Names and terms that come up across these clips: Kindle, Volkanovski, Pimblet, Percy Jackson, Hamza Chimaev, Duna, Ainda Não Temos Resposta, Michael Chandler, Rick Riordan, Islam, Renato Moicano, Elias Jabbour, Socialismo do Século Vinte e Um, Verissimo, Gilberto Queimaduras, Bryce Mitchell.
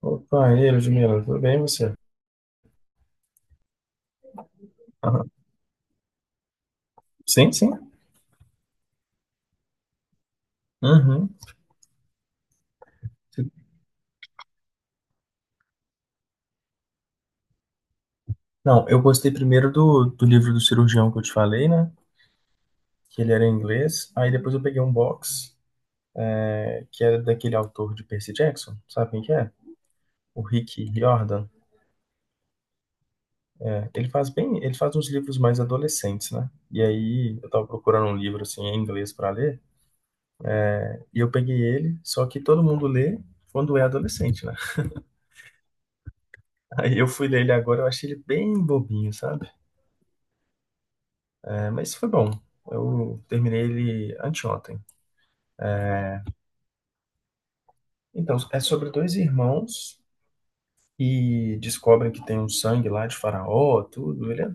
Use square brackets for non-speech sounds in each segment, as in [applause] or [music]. Opa, e aí, Ludmila, tudo bem você? Aham. Sim, sim. Uhum. Não, eu gostei primeiro do livro do cirurgião que eu te falei, né? Que ele era em inglês. Aí depois eu peguei um box que era daquele autor de Percy Jackson, sabe quem que é? O Rick Riordan. É, ele faz bem, ele faz uns livros mais adolescentes, né? E aí eu tava procurando um livro assim em inglês pra ler e eu peguei ele, só que todo mundo lê quando é adolescente, né? [laughs] Aí eu fui ler ele agora, eu achei ele bem bobinho, sabe? É, mas foi bom. Eu terminei ele anteontem. Então, é sobre dois irmãos e descobrem que tem um sangue lá de faraó, tudo. Ele é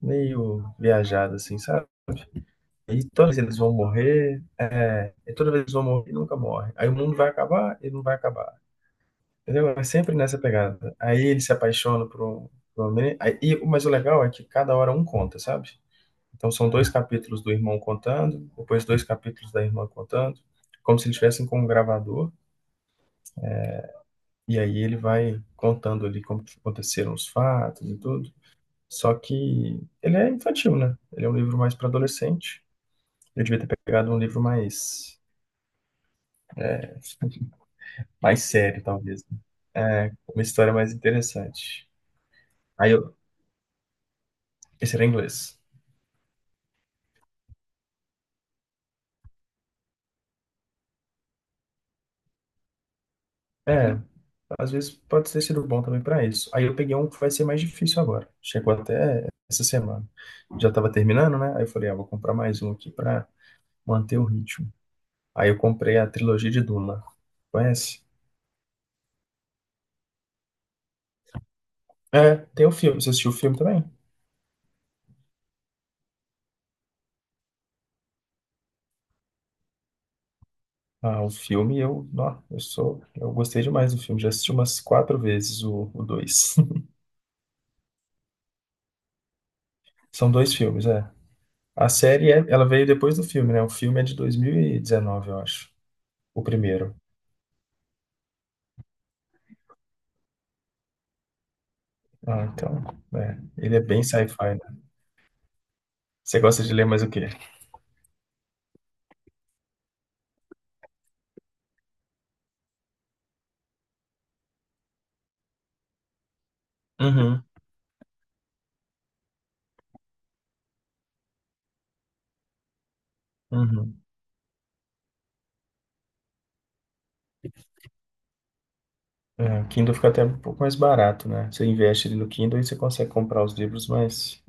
meio viajado, assim, sabe? E todos eles vão morrer, e toda vez eles vão morrer e nunca morre. Aí o mundo vai acabar e não vai acabar. Entendeu? É sempre nessa pegada. Aí ele se apaixona por uma menina. Mas o legal é que cada hora um conta, sabe? Então são dois capítulos do irmão contando, depois dois capítulos da irmã contando, como se eles estivessem com um gravador. E aí ele vai contando ali como que aconteceram os fatos e tudo. Só que ele é infantil, né? Ele é um livro mais para adolescente. Eu devia ter pegado um livro mais [laughs] mais sério, talvez. Né? É, uma história mais interessante. Aí eu, esse era em inglês. É, às vezes pode ter sido bom também para isso. Aí eu peguei um que vai ser mais difícil agora. Chegou até essa semana. Já estava terminando, né? Aí eu falei, ah, vou comprar mais um aqui para manter o ritmo. Aí eu comprei a trilogia de Duna. Conhece? É, tem o filme. Você assistiu o filme também? Ah, o filme eu, não, eu sou, eu gostei demais do filme. Já assisti umas quatro vezes o dois. [laughs] São dois filmes, é. A série, é, ela veio depois do filme, né? O filme é de 2019, eu acho. O primeiro. Ah, então, é. Ele é bem sci-fi, né? Você gosta de ler mais o quê? Uhum, uhum. É, o Kindle fica até um pouco mais barato, né? Você investe ali no Kindle e você consegue comprar os livros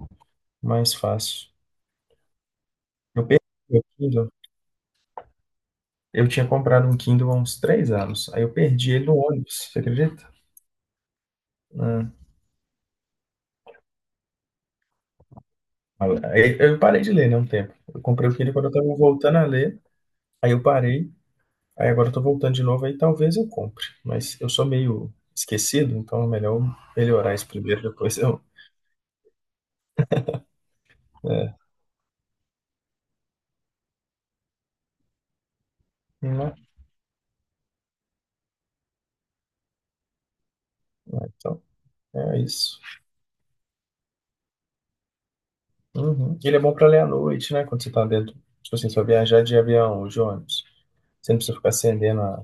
mais fácil. Eu perdi o Kindle. Eu tinha comprado um Kindle há uns 3 anos. Aí eu perdi ele no ônibus, você acredita? Ah, aí eu parei de ler, né, um tempo. Eu comprei o Kindle quando eu estava voltando a ler. Aí eu parei. Aí agora eu tô voltando de novo, aí talvez eu compre. Mas eu sou meio esquecido, então é melhor eu melhorar isso primeiro, depois eu... É, né? Então, é isso. Uhum. Ele é bom pra ler à noite, né? Quando você tá dentro... Tipo assim, se for viajar de avião ou de ônibus. Você não precisa ficar acendendo a,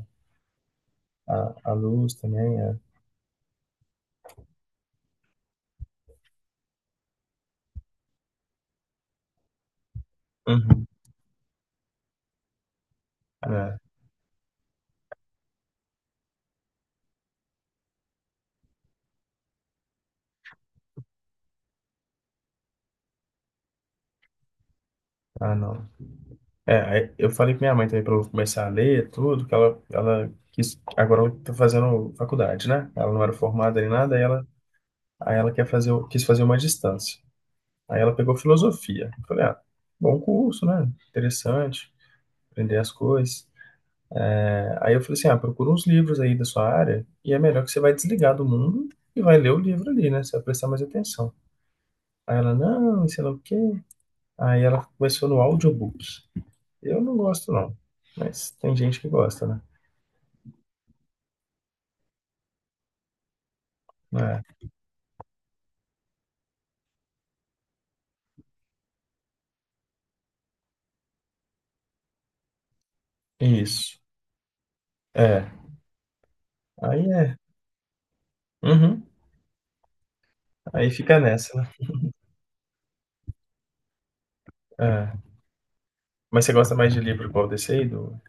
a, a luz também. É. Uhum. É. Ah, não. É, aí eu falei com minha mãe também para eu começar a ler tudo, que ela quis, agora ela tá fazendo faculdade, né? Ela não era formada em nada, aí ela quer fazer, quis fazer uma distância. Aí ela pegou filosofia. Eu falei, ah, bom curso, né? Interessante, aprender as coisas. É, aí eu falei assim, ah, procura uns livros aí da sua área e é melhor que você vai desligar do mundo e vai ler o livro ali, né? Você vai prestar mais atenção. Aí ela, não, e sei lá o quê. Aí ela começou no audiobook. Eu não gosto, não, mas tem gente que gosta, né? Isso. É. Aí é. Uhum. Aí fica nessa, né. É. Mas você gosta mais de livro qual desse aí, do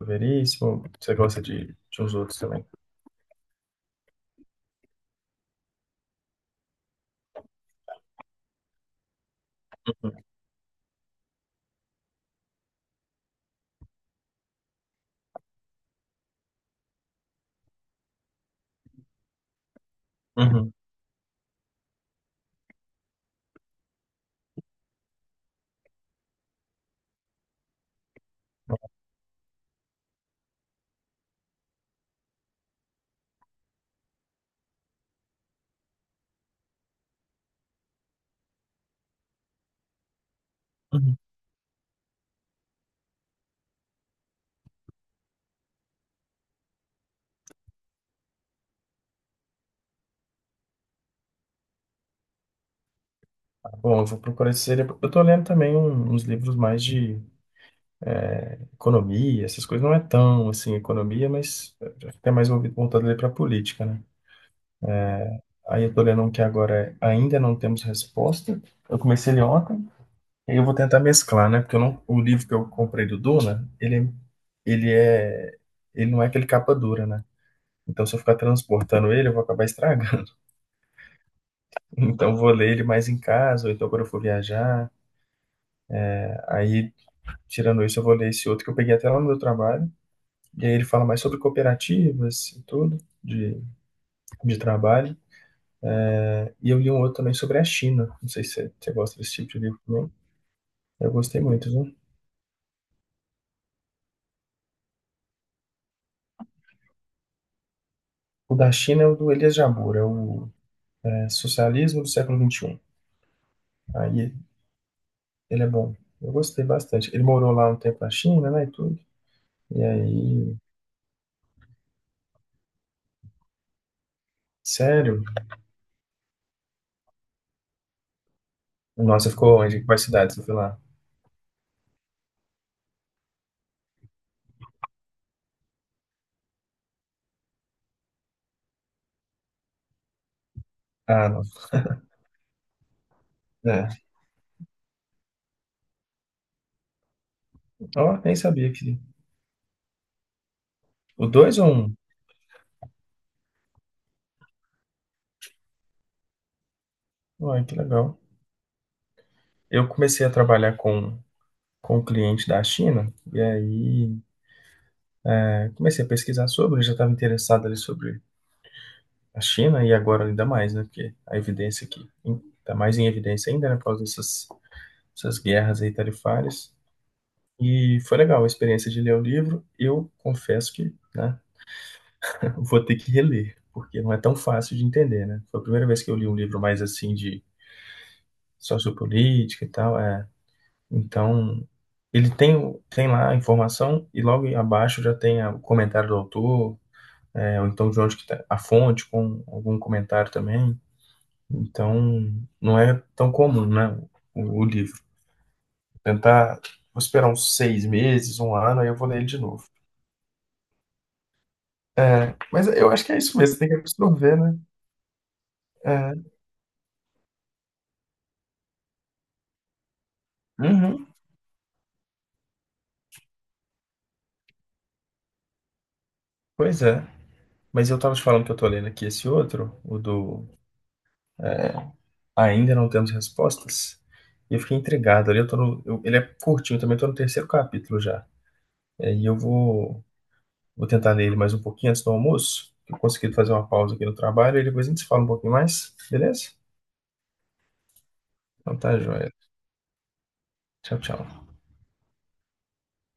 do Veríssimo? Você gosta de uns outros também? Uhum. Uhum. Tá bom, eu vou procurar esse livro. Eu tô lendo também uns livros mais de economia, essas coisas. Não é tão, assim, economia, mas até mais volvi voltado ali para política, né. Aí eu tô lendo um que agora é Ainda Não Temos Resposta. Eu comecei ele ontem. Eu vou tentar mesclar, né? Porque eu não, o livro que eu comprei do Duna, ele é, ele não é aquele capa dura, né? Então, se eu ficar transportando ele, eu vou acabar estragando. [laughs] Então, eu vou ler ele mais em casa, ou então quando eu for viajar. Aí, tirando isso, eu vou ler esse outro que eu peguei até lá no meu trabalho. E aí ele fala mais sobre cooperativas e tudo, de trabalho. E eu li um outro também sobre a China. Não sei se você gosta desse tipo de livro também. Eu gostei muito, viu? O da China é o do Elias Jabbour, é o é, Socialismo do Século 21. Aí ele é bom. Eu gostei bastante. Ele morou lá um tempo na China, né, e tudo. E aí, sério? Nossa, ficou onde? Quais cidades você foi lá? Ah, não. É. Ó, nem sabia que... O 2 ou um? Ai, que legal. Eu comecei a trabalhar com um cliente da China, e aí comecei a pesquisar sobre, já estava interessado ali sobre a China, e agora ainda mais, né, porque a evidência aqui está mais em evidência ainda, né, por causa dessas guerras aí tarifárias. E foi legal a experiência de ler o livro. Eu confesso que, né, [laughs] vou ter que reler, porque não é tão fácil de entender, né? Foi a primeira vez que eu li um livro mais assim de sociopolítica e tal, é. Então, ele tem, tem lá a informação e logo abaixo já tem o comentário do autor, é, ou então de onde que tá a fonte com algum comentário também. Então, não é tão comum, né, o livro. Tentar, vou esperar uns 6 meses, um ano, aí eu vou ler ele de novo. É, mas eu acho que é isso mesmo, tem que absorver, né? É. Uhum, pois é. Mas eu tava te falando que eu tô lendo aqui esse outro, o do é, Ainda Não Temos Respostas, e eu fiquei intrigado ali. Eu tô no, eu- Ele é curtinho também, eu tô no terceiro capítulo já. É, vou tentar ler ele mais um pouquinho antes do almoço, que eu consegui fazer uma pausa aqui no trabalho, e depois a gente se fala um pouquinho mais, beleza? Então tá, joia. Tchau, tchau.